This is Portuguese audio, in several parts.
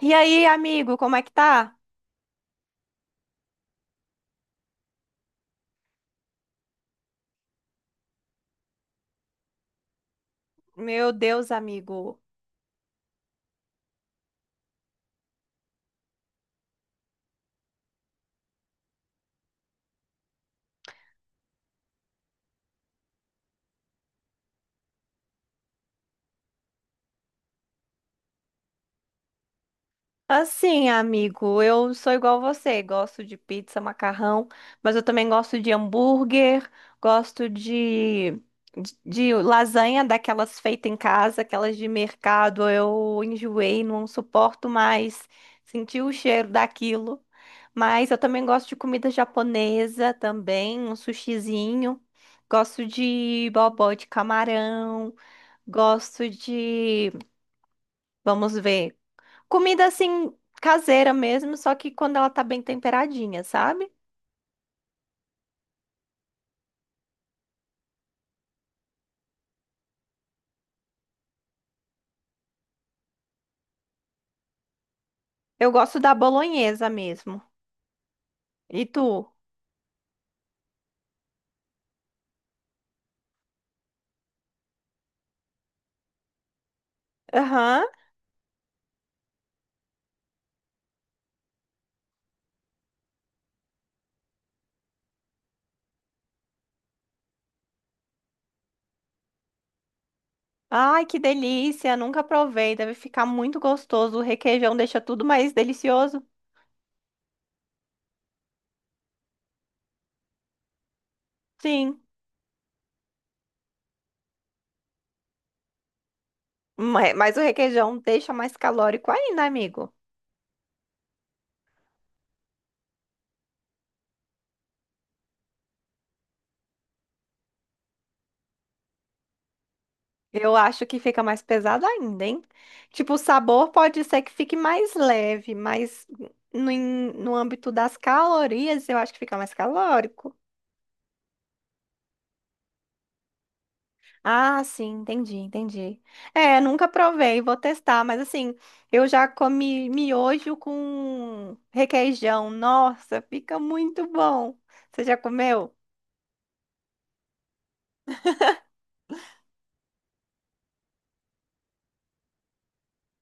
E aí, amigo, como é que tá? Meu Deus, amigo. Assim, amigo, eu sou igual você, gosto de pizza, macarrão, mas eu também gosto de hambúrguer, gosto de, de lasanha daquelas feitas em casa, aquelas de mercado. Eu enjoei, não suporto mais sentir o cheiro daquilo. Mas eu também gosto de comida japonesa também, um sushizinho. Gosto de bobó de camarão. Gosto de, vamos ver, comida assim caseira mesmo, só que quando ela tá bem temperadinha, sabe? Eu gosto da bolonhesa mesmo. E tu? Aham. Ai, que delícia, nunca provei, deve ficar muito gostoso. O requeijão deixa tudo mais delicioso. Sim, mas o requeijão deixa mais calórico ainda, amigo. Eu acho que fica mais pesado ainda, hein? Tipo, o sabor pode ser que fique mais leve, mas no, no âmbito das calorias, eu acho que fica mais calórico. Ah, sim, entendi, entendi. É, nunca provei, vou testar, mas assim, eu já comi miojo com requeijão. Nossa, fica muito bom. Você já comeu?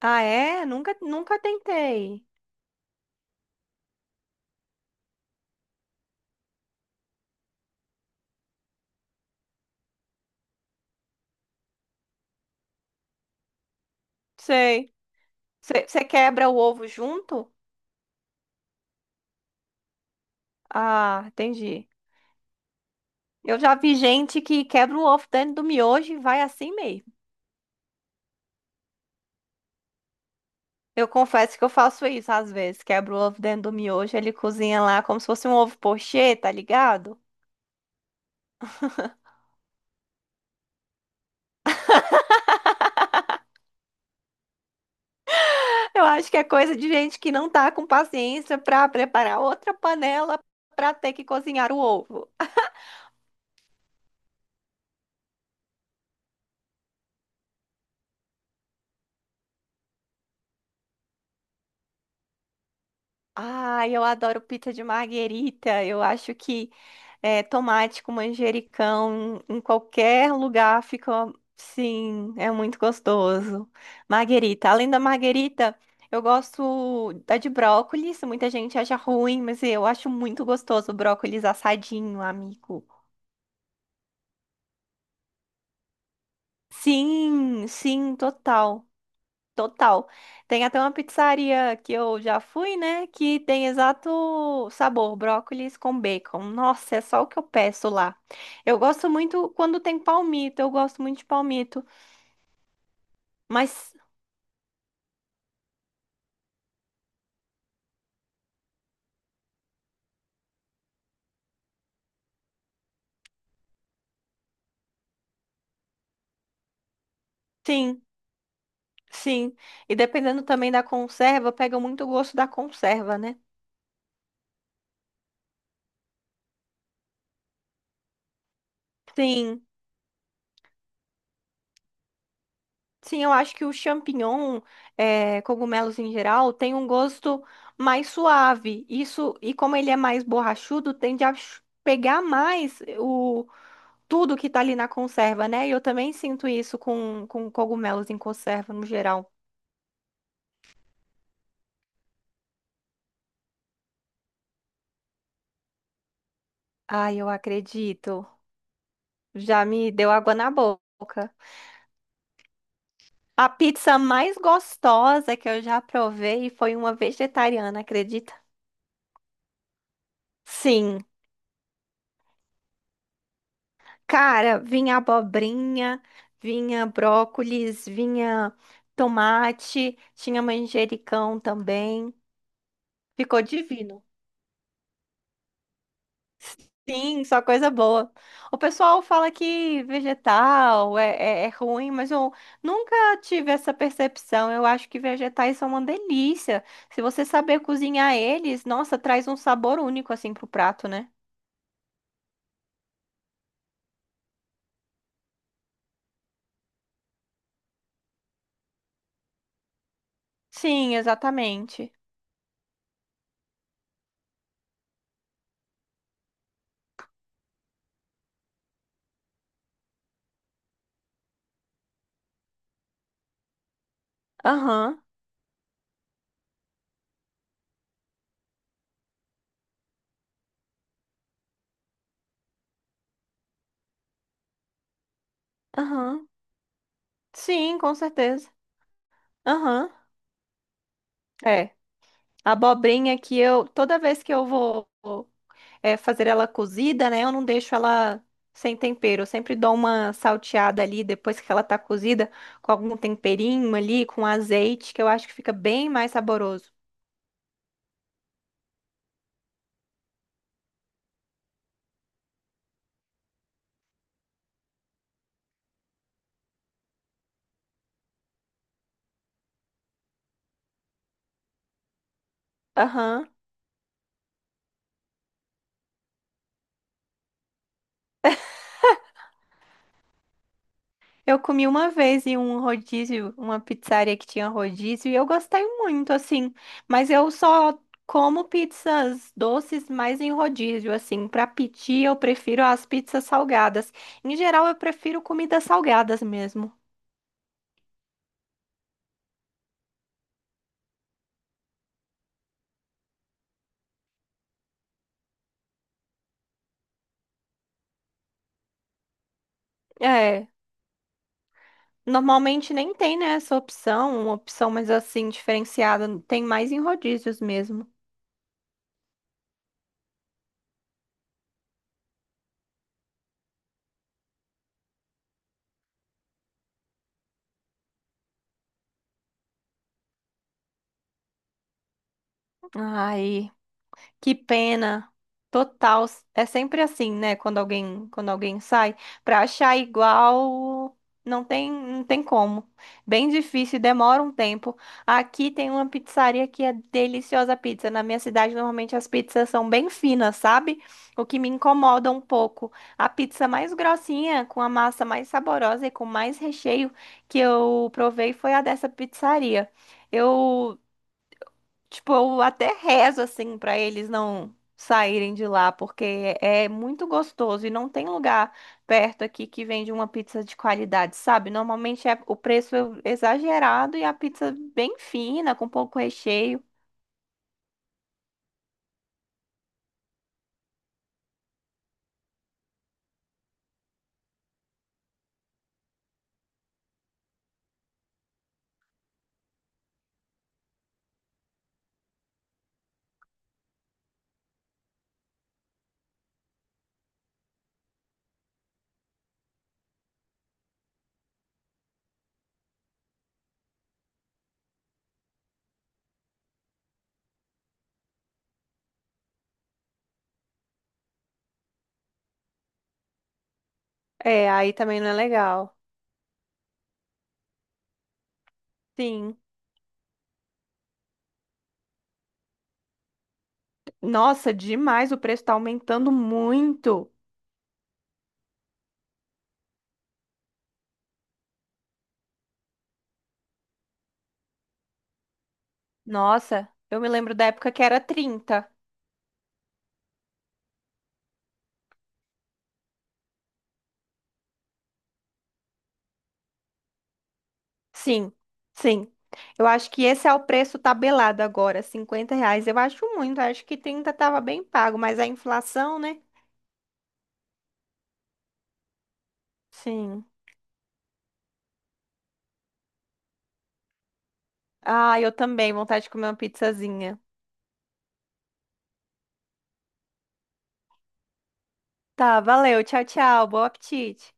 Ah, é? Nunca, nunca tentei. Sei. Você quebra o ovo junto? Ah, entendi. Eu já vi gente que quebra o ovo dentro do miojo e vai assim mesmo. Eu confesso que eu faço isso às vezes. Quebra o ovo dentro do miojo, ele cozinha lá como se fosse um ovo pochê, tá ligado? Eu acho que é coisa de gente que não tá com paciência pra preparar outra panela pra ter que cozinhar o ovo. Ah, eu adoro pizza de marguerita. Eu acho que é, tomate com manjericão em qualquer lugar fica, sim, é muito gostoso. Marguerita. Além da marguerita, eu gosto da de brócolis. Muita gente acha ruim, mas eu acho muito gostoso o brócolis assadinho, amigo. Sim, sim, total. Total. Tem até uma pizzaria que eu já fui, né? Que tem exato sabor, brócolis com bacon. Nossa, é só o que eu peço lá. Eu gosto muito quando tem palmito, eu gosto muito de palmito. Mas sim, sim. E dependendo também da conserva, pega muito o gosto da conserva, né? Sim, sim, eu acho que o champignon, é, cogumelos em geral, tem um gosto mais suave. Isso, e como ele é mais borrachudo, tende a pegar mais o tudo que tá ali na conserva, né? E eu também sinto isso com cogumelos em conserva no geral. Ai, eu acredito. Já me deu água na boca. A pizza mais gostosa que eu já provei foi uma vegetariana, acredita? Sim. Cara, vinha abobrinha, vinha brócolis, vinha tomate, tinha manjericão também. Ficou divino. Sim, só coisa boa. O pessoal fala que vegetal é ruim, mas eu nunca tive essa percepção. Eu acho que vegetais são uma delícia. Se você saber cozinhar eles, nossa, traz um sabor único assim pro prato, né? Sim, exatamente. Aham, aham. Sim, com certeza. Aham. É. A Abobrinha que eu, toda vez que eu vou é, fazer ela cozida, né? Eu não deixo ela sem tempero. Eu sempre dou uma salteada ali depois que ela tá cozida, com algum temperinho ali, com azeite, que eu acho que fica bem mais saboroso. Aham. Eu comi uma vez em um rodízio, uma pizzaria que tinha rodízio, e eu gostei muito, assim. Mas eu só como pizzas doces mais em rodízio, assim. Pra pedir, eu prefiro as pizzas salgadas. Em geral, eu prefiro comidas salgadas mesmo. É. Normalmente nem tem, né, essa opção, uma opção mais assim, diferenciada, tem mais em rodízios mesmo. Ai. Que pena. Total. É sempre assim, né? Quando alguém sai, para achar igual, não tem, não tem como. Bem difícil, demora um tempo. Aqui tem uma pizzaria que é deliciosa a pizza. Na minha cidade, normalmente as pizzas são bem finas, sabe? O que me incomoda um pouco. A pizza mais grossinha, com a massa mais saborosa e com mais recheio que eu provei foi a dessa pizzaria. Eu Tipo, eu até rezo assim pra eles não saírem de lá, porque é muito gostoso e não tem lugar perto aqui que vende uma pizza de qualidade, sabe? Normalmente o preço é exagerado e a pizza bem fina, com pouco recheio. É, aí também não é legal. Sim. Nossa, demais, o preço tá aumentando muito. Nossa, eu me lembro da época que era 30. Sim, sim. Eu acho que esse é o preço tabelado agora, R$ 50. Eu acho muito, acho que 30 estava bem pago, mas a inflação, né? Sim. Ah, eu também, vontade de comer uma pizzazinha. Tá, valeu, tchau, tchau, bom apetite.